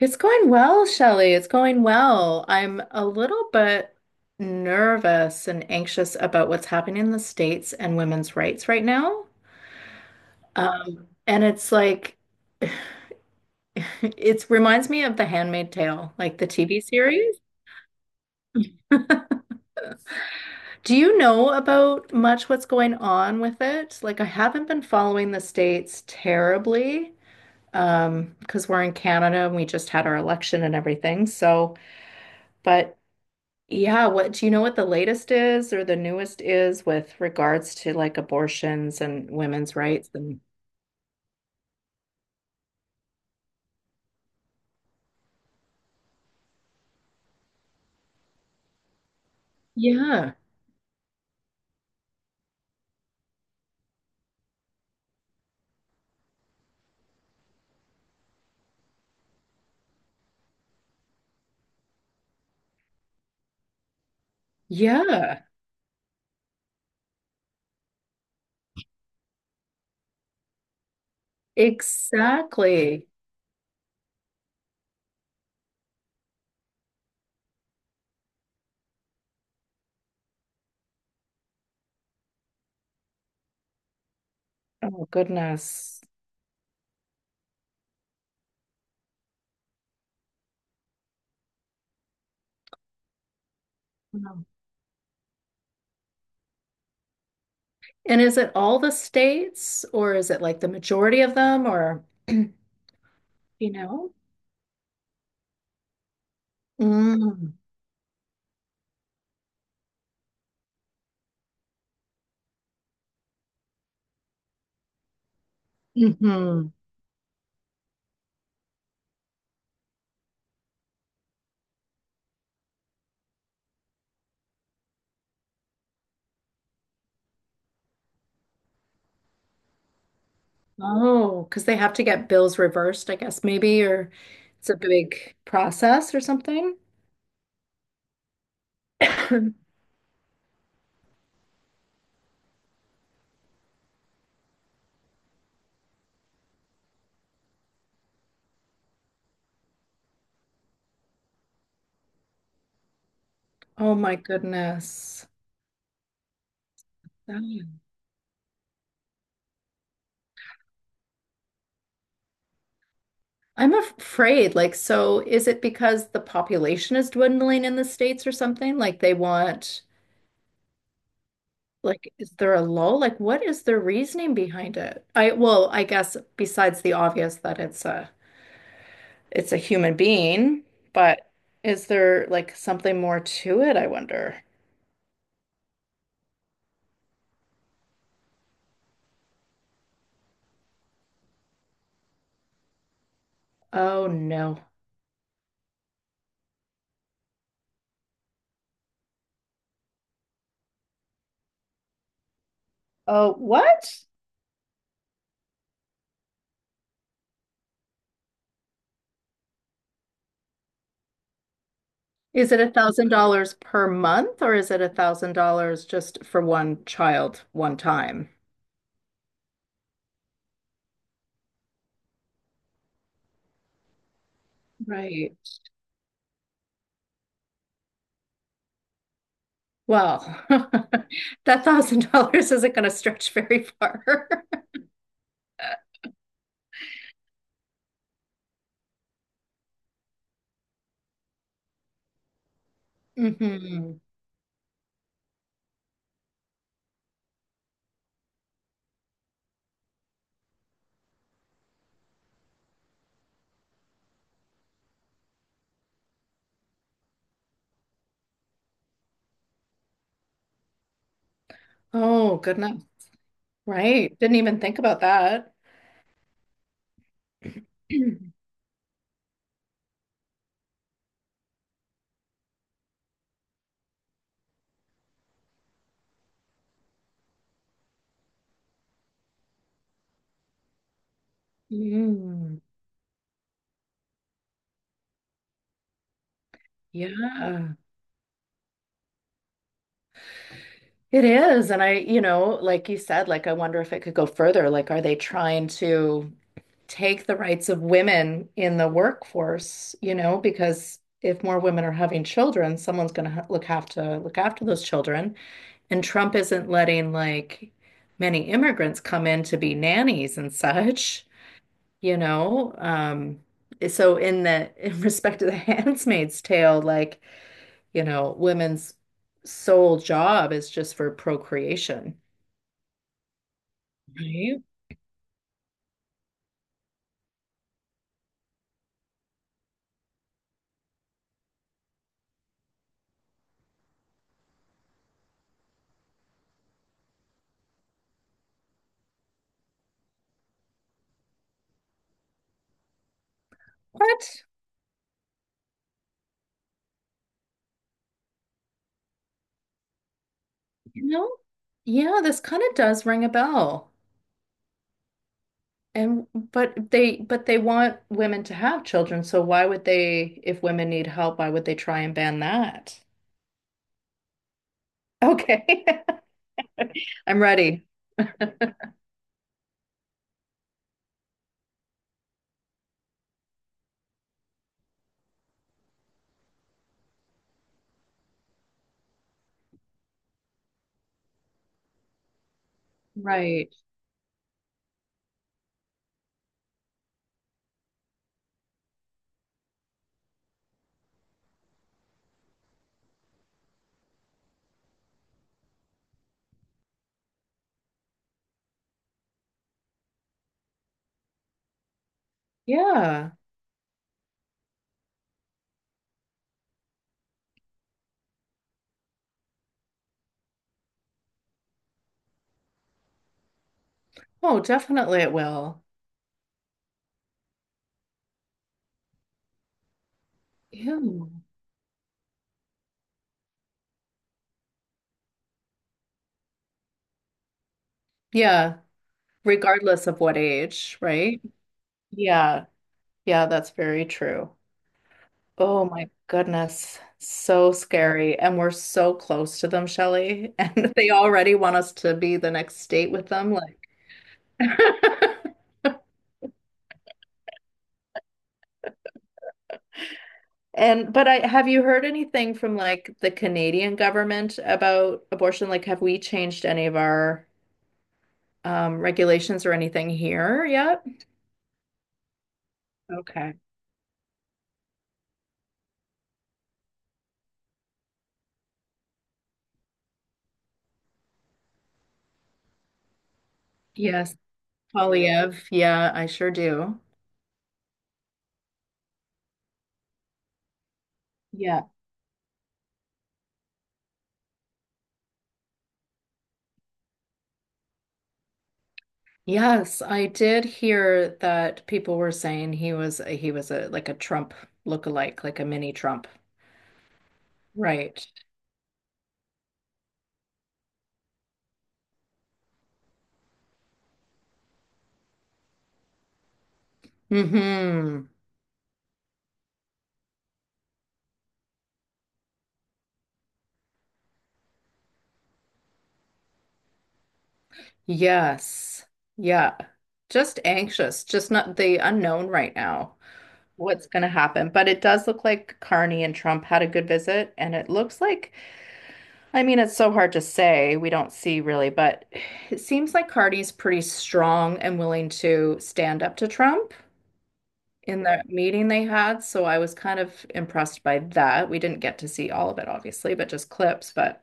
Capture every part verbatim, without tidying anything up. It's going well, Shelley. It's going well. I'm a little bit nervous and anxious about what's happening in the States and women's rights right now. Um, and it's like, it reminds me of The Handmaid's Tale, like the T V series. Do you know about much what's going on with it? Like, I haven't been following the States terribly, um, because we're in Canada and we just had our election and everything. So, but yeah, what do you know what the latest is or the newest is with regards to like abortions and women's rights and yeah, yeah, exactly. Oh goodness. Wow. And is it all the states or is it like the majority of them or you know? Mm. Hmm. Oh, because they have to get bills reversed, I guess maybe, or it's a big process or something. Oh my goodness. I'm afraid, like, so is it because the population is dwindling in the States or something? Like they want, like, is there a lull? Like, what is their reasoning behind it? I, well, I guess besides the obvious that it's a it's a human being, but is there like something more to it, I wonder? Oh no. Oh, what? Is it a thousand dollars per month or is it a thousand dollars just for one child one time? Right. Well, that thousand dollars isn't going to stretch very far. Hmm. Oh, goodness. Right. Didn't even think about that. Mm, yeah, it is. And I, you know, like you said, like I wonder if it could go further. Like, are they trying to take the rights of women in the workforce, you know, because if more women are having children, someone's going to ha look have to look after those children. And Trump isn't letting like many immigrants come in to be nannies and such, you know. Um, so in the in respect to the Handmaid's Tale, like, you know, women's sole job is just for procreation. Right. But, you know, yeah, this kind of does ring a bell. And but they but they want women to have children, so why would they, if women need help, why would they try and ban that? Okay. I'm ready. Right. Yeah. Oh, definitely it will. Yeah. Yeah. Regardless of what age, right? Yeah. Yeah, that's very true. Oh my goodness. So scary. And we're so close to them, Shelley. And they already want us to be the next state with them. Like And but I have you heard anything from like the Canadian government about abortion? Like, have we changed any of our um, regulations or anything here yet? Okay. Yes, Polyev. Yeah, I sure do. Yeah. Yes, I did hear that people were saying he was he was a like a Trump lookalike, like a mini Trump. Right. Mm-hmm. Yes. Yeah. Just anxious, just not the unknown right now. What's going to happen? But it does look like Carney and Trump had a good visit, and it looks like I mean, it's so hard to say. We don't see really, but it seems like Cardi's pretty strong and willing to stand up to Trump in the meeting they had. So I was kind of impressed by that. We didn't get to see all of it, obviously, but just clips. But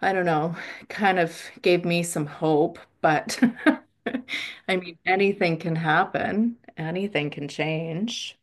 I don't know, kind of gave me some hope. But I mean, anything can happen, anything can change.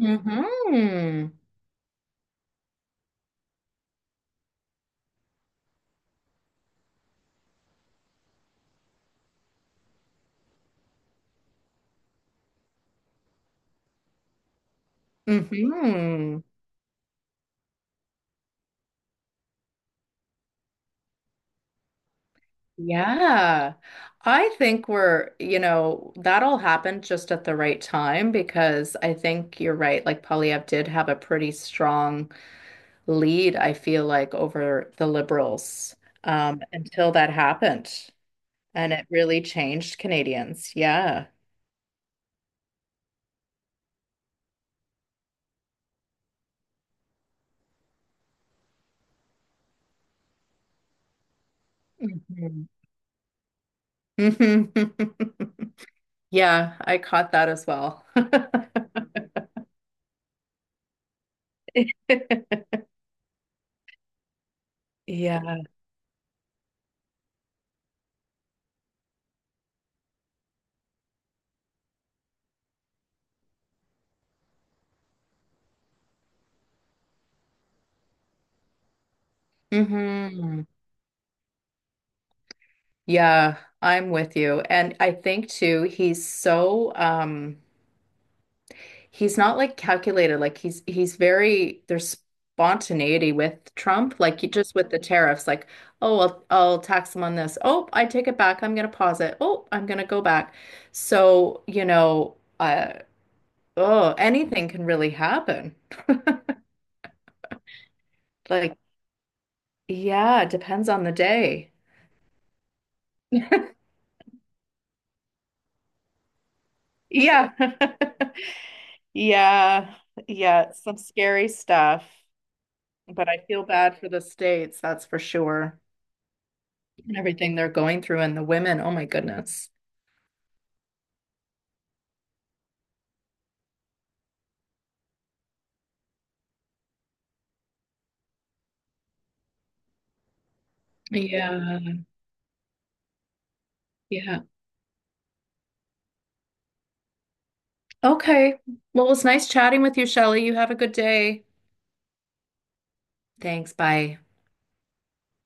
Mm-hmm. Mm-hmm. Yeah. I think we're, you know, that all happened just at the right time because I think you're right. Like Polyev did have a pretty strong lead, I feel like, over the Liberals um, until that happened. And it really changed Canadians. Yeah. Mhm. Mhm. Yeah, I caught that as well. Yeah. Hmm. Yeah, I'm with you. And I think too, he's so um he's not like calculated. Like he's he's very there's spontaneity with Trump, like he- just with the tariffs, like, oh, I'll I'll tax him on this. Oh, I take it back. I'm gonna pause it. Oh, I'm gonna go back. So, you know, uh oh, anything can really happen. Like, yeah, it depends on the day. Yeah. Yeah. Yeah. Some scary stuff. But I feel bad for the states, that's for sure. And everything they're going through and the women. Oh my goodness. Yeah, yeah. Okay. Well, it was nice chatting with you, Shelley. You have a good day. Thanks. Bye.